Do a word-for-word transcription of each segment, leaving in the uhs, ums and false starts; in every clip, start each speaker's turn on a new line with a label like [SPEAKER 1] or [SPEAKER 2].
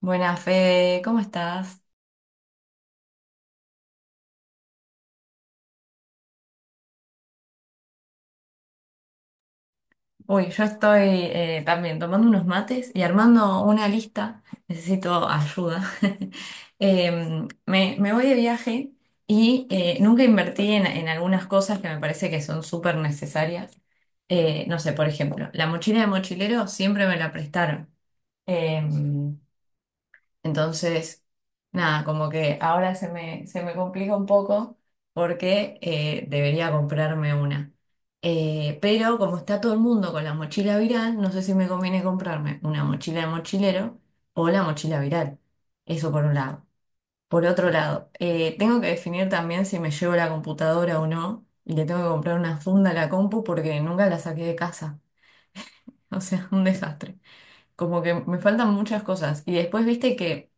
[SPEAKER 1] Buenas, Fede, ¿cómo estás? Uy, yo estoy eh, también tomando unos mates y armando una lista. Necesito ayuda. Em, me, me voy de viaje y eh, nunca invertí en, en algunas cosas que me parece que son súper necesarias. Eh, no sé, por ejemplo, la mochila de mochilero siempre me la prestaron. Em, Entonces, nada, como que ahora se me, se me complica un poco porque eh, debería comprarme una. Eh, pero como está todo el mundo con la mochila viral, no sé si me conviene comprarme una mochila de mochilero o la mochila viral. Eso por un lado. Por otro lado, eh, tengo que definir también si me llevo la computadora o no, y le tengo que comprar una funda a la compu porque nunca la saqué de casa. O sea, un desastre. Como que me faltan muchas cosas. Y después viste que…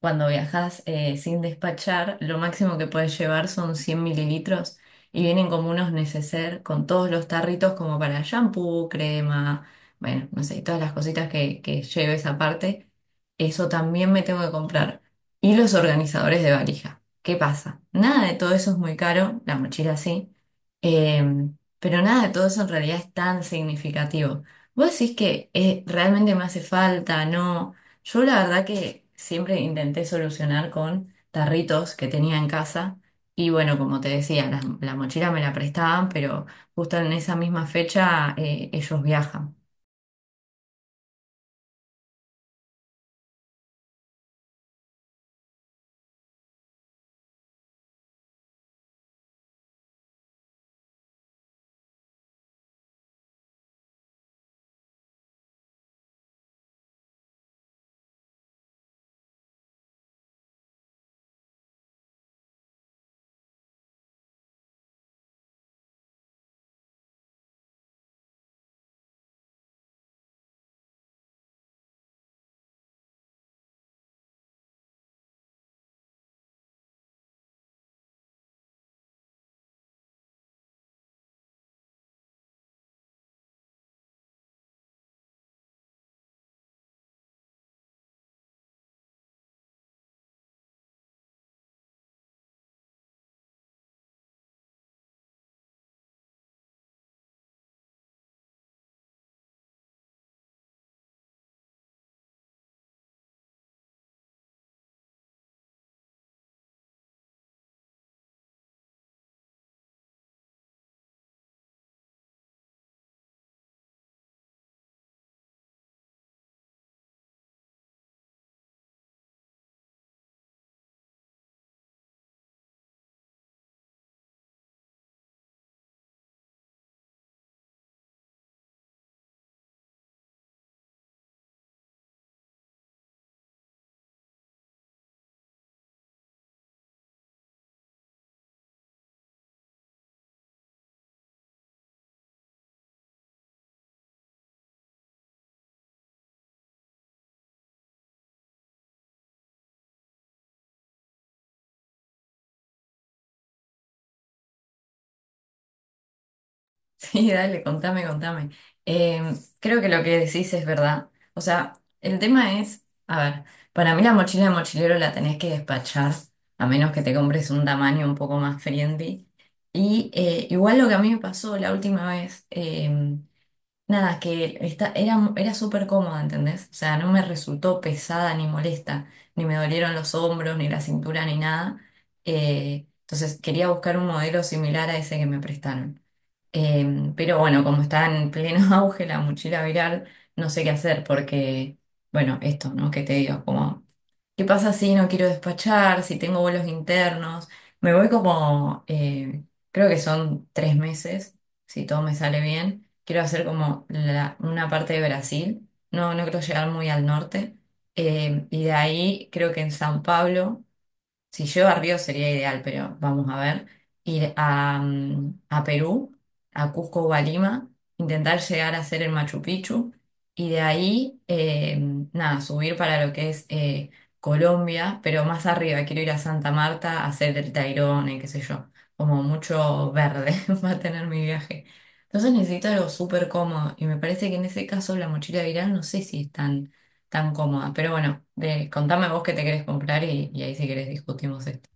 [SPEAKER 1] Cuando viajas eh, sin despachar, lo máximo que puedes llevar son cien mililitros, y vienen como unos neceser con todos los tarritos como para shampoo, crema, bueno, no sé, todas las cositas que, que lleves aparte. Eso también me tengo que comprar. Y los organizadores de valija. ¿Qué pasa? Nada de todo eso es muy caro, la mochila sí, em, pero nada de todo eso en realidad es tan significativo. Vos decís que eh, realmente me hace falta, ¿no? Yo la verdad que siempre intenté solucionar con tarritos que tenía en casa y bueno, como te decía, la, la mochila me la prestaban, pero justo en esa misma fecha eh, ellos viajan. Sí, dale, contame, contame. Eh, Creo que lo que decís es verdad. O sea, el tema es, a ver, para mí la mochila de mochilero la tenés que despachar, a menos que te compres un tamaño un poco más friendly. Y eh, igual lo que a mí me pasó la última vez. em, Nada, que esta- era, era súper cómoda, ¿entendés? O sea, no me resultó pesada ni molesta, ni me dolieron los hombros, ni la cintura, ni nada. Eh, entonces quería buscar un modelo similar a ese que me prestaron. Eh, pero bueno, como está en pleno auge la mochila viral, no sé qué hacer porque, bueno, esto, ¿no? ¿Qué te digo? ¿Qué pasa si no quiero despachar? Si tengo vuelos internos. Me voy como, eh, creo que son tres meses, si todo me sale bien. Quiero hacer como la- una parte de Brasil. No, no quiero llegar muy al norte. Eh, y de ahí creo que en San Pablo. Si llueve a Río sería ideal, pero vamos a ver. Ir a mm, a Perú, a Cusco o a Lima, intentar llegar a hacer el Machu Picchu, y de ahí, eh, nada, subir para lo que es eh, Colombia, pero más arriba. Quiero ir a Santa Marta a hacer el Tayrona, y qué sé yo. Como mucho verde va a tener mi viaje. Entonces necesito algo súper cómodo y me parece que en ese caso la mochila viral no sé si están tan cómoda. Pero bueno, de- contame vos qué te querés comprar y, y ahí si querés discutimos esto.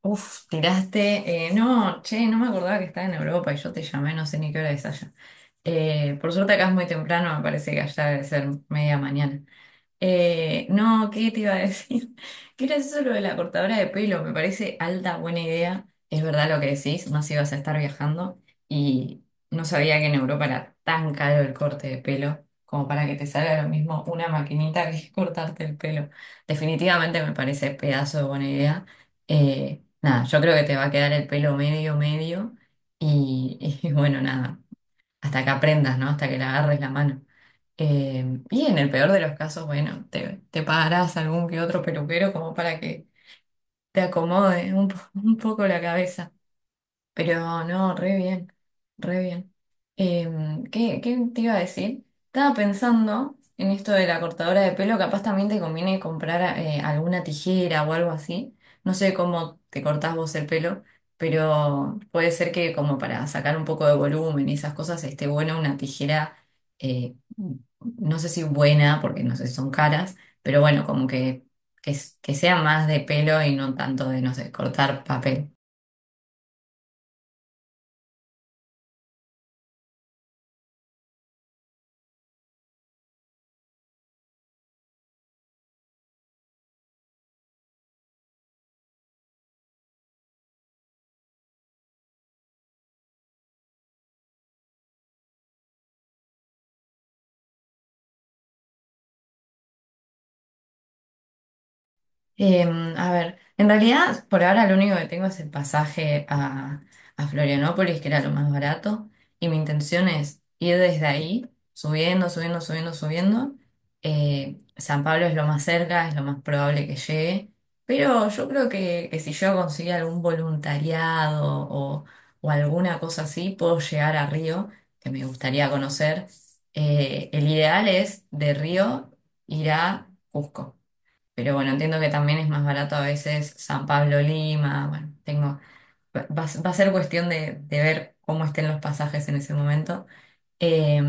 [SPEAKER 1] Uf, tiraste, eh, no, che, no me acordaba que estaba en Europa y yo te llamé, no sé ni qué hora es allá. Eh, por suerte acá es muy temprano, me parece que allá debe ser media mañana. Eh, no, ¿qué te iba a decir? Que era eso lo de la cortadora de pelo, me parece alta buena idea. Es verdad lo que decís, más ibas a estar viajando, y no sabía que en Europa era tan caro el corte de pelo como para que te salga lo mismo una maquinita que cortarte el pelo. Definitivamente me parece pedazo de buena idea. Eh, nada, yo creo que te va a quedar el pelo medio, medio, y y bueno, nada, hasta que aprendas, ¿no? Hasta que le agarres la mano. Eh, y en el peor de los casos, bueno, te, te pagarás algún que otro peluquero como para que te acomode un, po- un poco la cabeza. Pero no, re bien, re bien. Em, ¿qué, qué te iba a decir? Estaba pensando en esto de la cortadora de pelo, capaz también te conviene comprar eh, alguna tijera o algo así. No sé cómo te cortás vos el pelo, pero puede ser que como para sacar un poco de volumen y esas cosas esté buena una tijera, eh, no sé si buena, porque no sé si son caras, pero bueno, como que, que, que sea más de pelo y no tanto de, no sé, cortar papel. Em, a ver, en realidad por ahora lo único que tengo es el pasaje a, a, Florianópolis, que era lo más barato, y mi intención es ir desde ahí, subiendo, subiendo, subiendo, subiendo. Eh, San Pablo es lo más cerca, es lo más probable que llegue, pero yo creo que, que si yo consigo algún voluntariado o, o alguna cosa así, puedo llegar a Río, que me gustaría conocer. Eh, el ideal es de Río ir a Cusco. Pero bueno, entiendo que también es más barato a veces San Pablo Lima. Bueno, tengo, va, va a va a ser cuestión de, de ver cómo estén los pasajes en ese momento. Eh,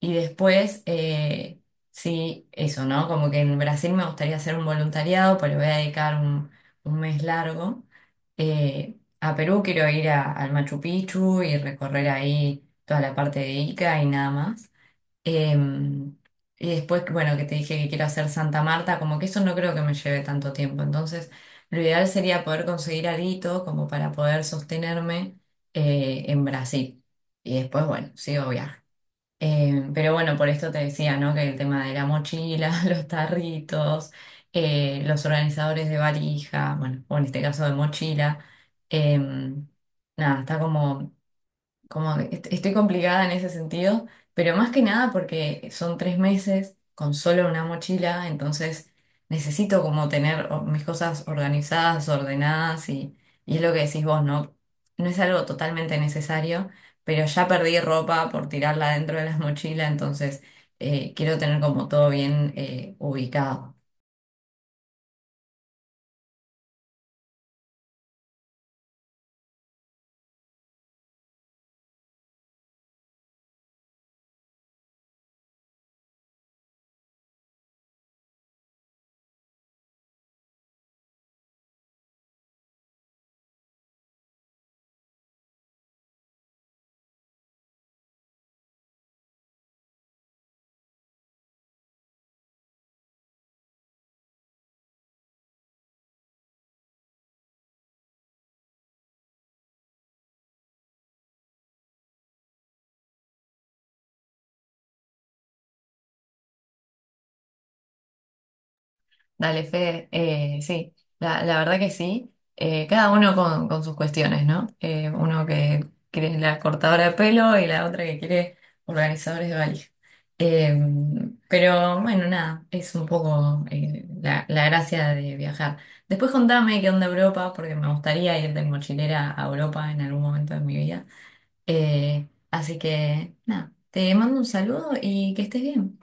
[SPEAKER 1] y después, eh, sí, eso, ¿no? Como que en Brasil me gustaría hacer un voluntariado, pues le voy a dedicar un, un mes largo. Eh, a Perú quiero ir a- al Machu Picchu y recorrer ahí toda la parte de Ica y nada más. Em, y después, bueno, que te dije que quiero hacer Santa Marta, como que eso no creo que me lleve tanto tiempo. Entonces, lo ideal sería poder conseguir alguito como para poder sostenerme eh, en Brasil. Y después, bueno, sigo viaje. Em, pero bueno, por esto te decía, ¿no? Que el tema de la mochila, los tarritos, eh, los organizadores de valija, bueno, o en este caso de mochila, em, nada, está como como est- estoy complicada en ese sentido, pero más que nada porque son tres meses con solo una mochila, entonces necesito como tener o- mis cosas organizadas, ordenadas, y, y es lo que decís vos, ¿no? No es algo totalmente necesario, pero ya perdí ropa por tirarla dentro de las mochilas, entonces eh, quiero tener como todo bien eh, ubicado. Dale, Fede, eh, sí, la, la verdad que sí. Eh, cada uno con, con sus cuestiones, ¿no? Eh, uno que quiere la cortadora de pelo y la otra que quiere organizadores de valija. Eh, pero bueno, nada, es un poco eh, la, la gracia de viajar. Después contame qué onda Europa, porque me gustaría ir de mochilera a Europa en algún momento de mi vida. Eh, así que nada, te mando un saludo y que estés bien.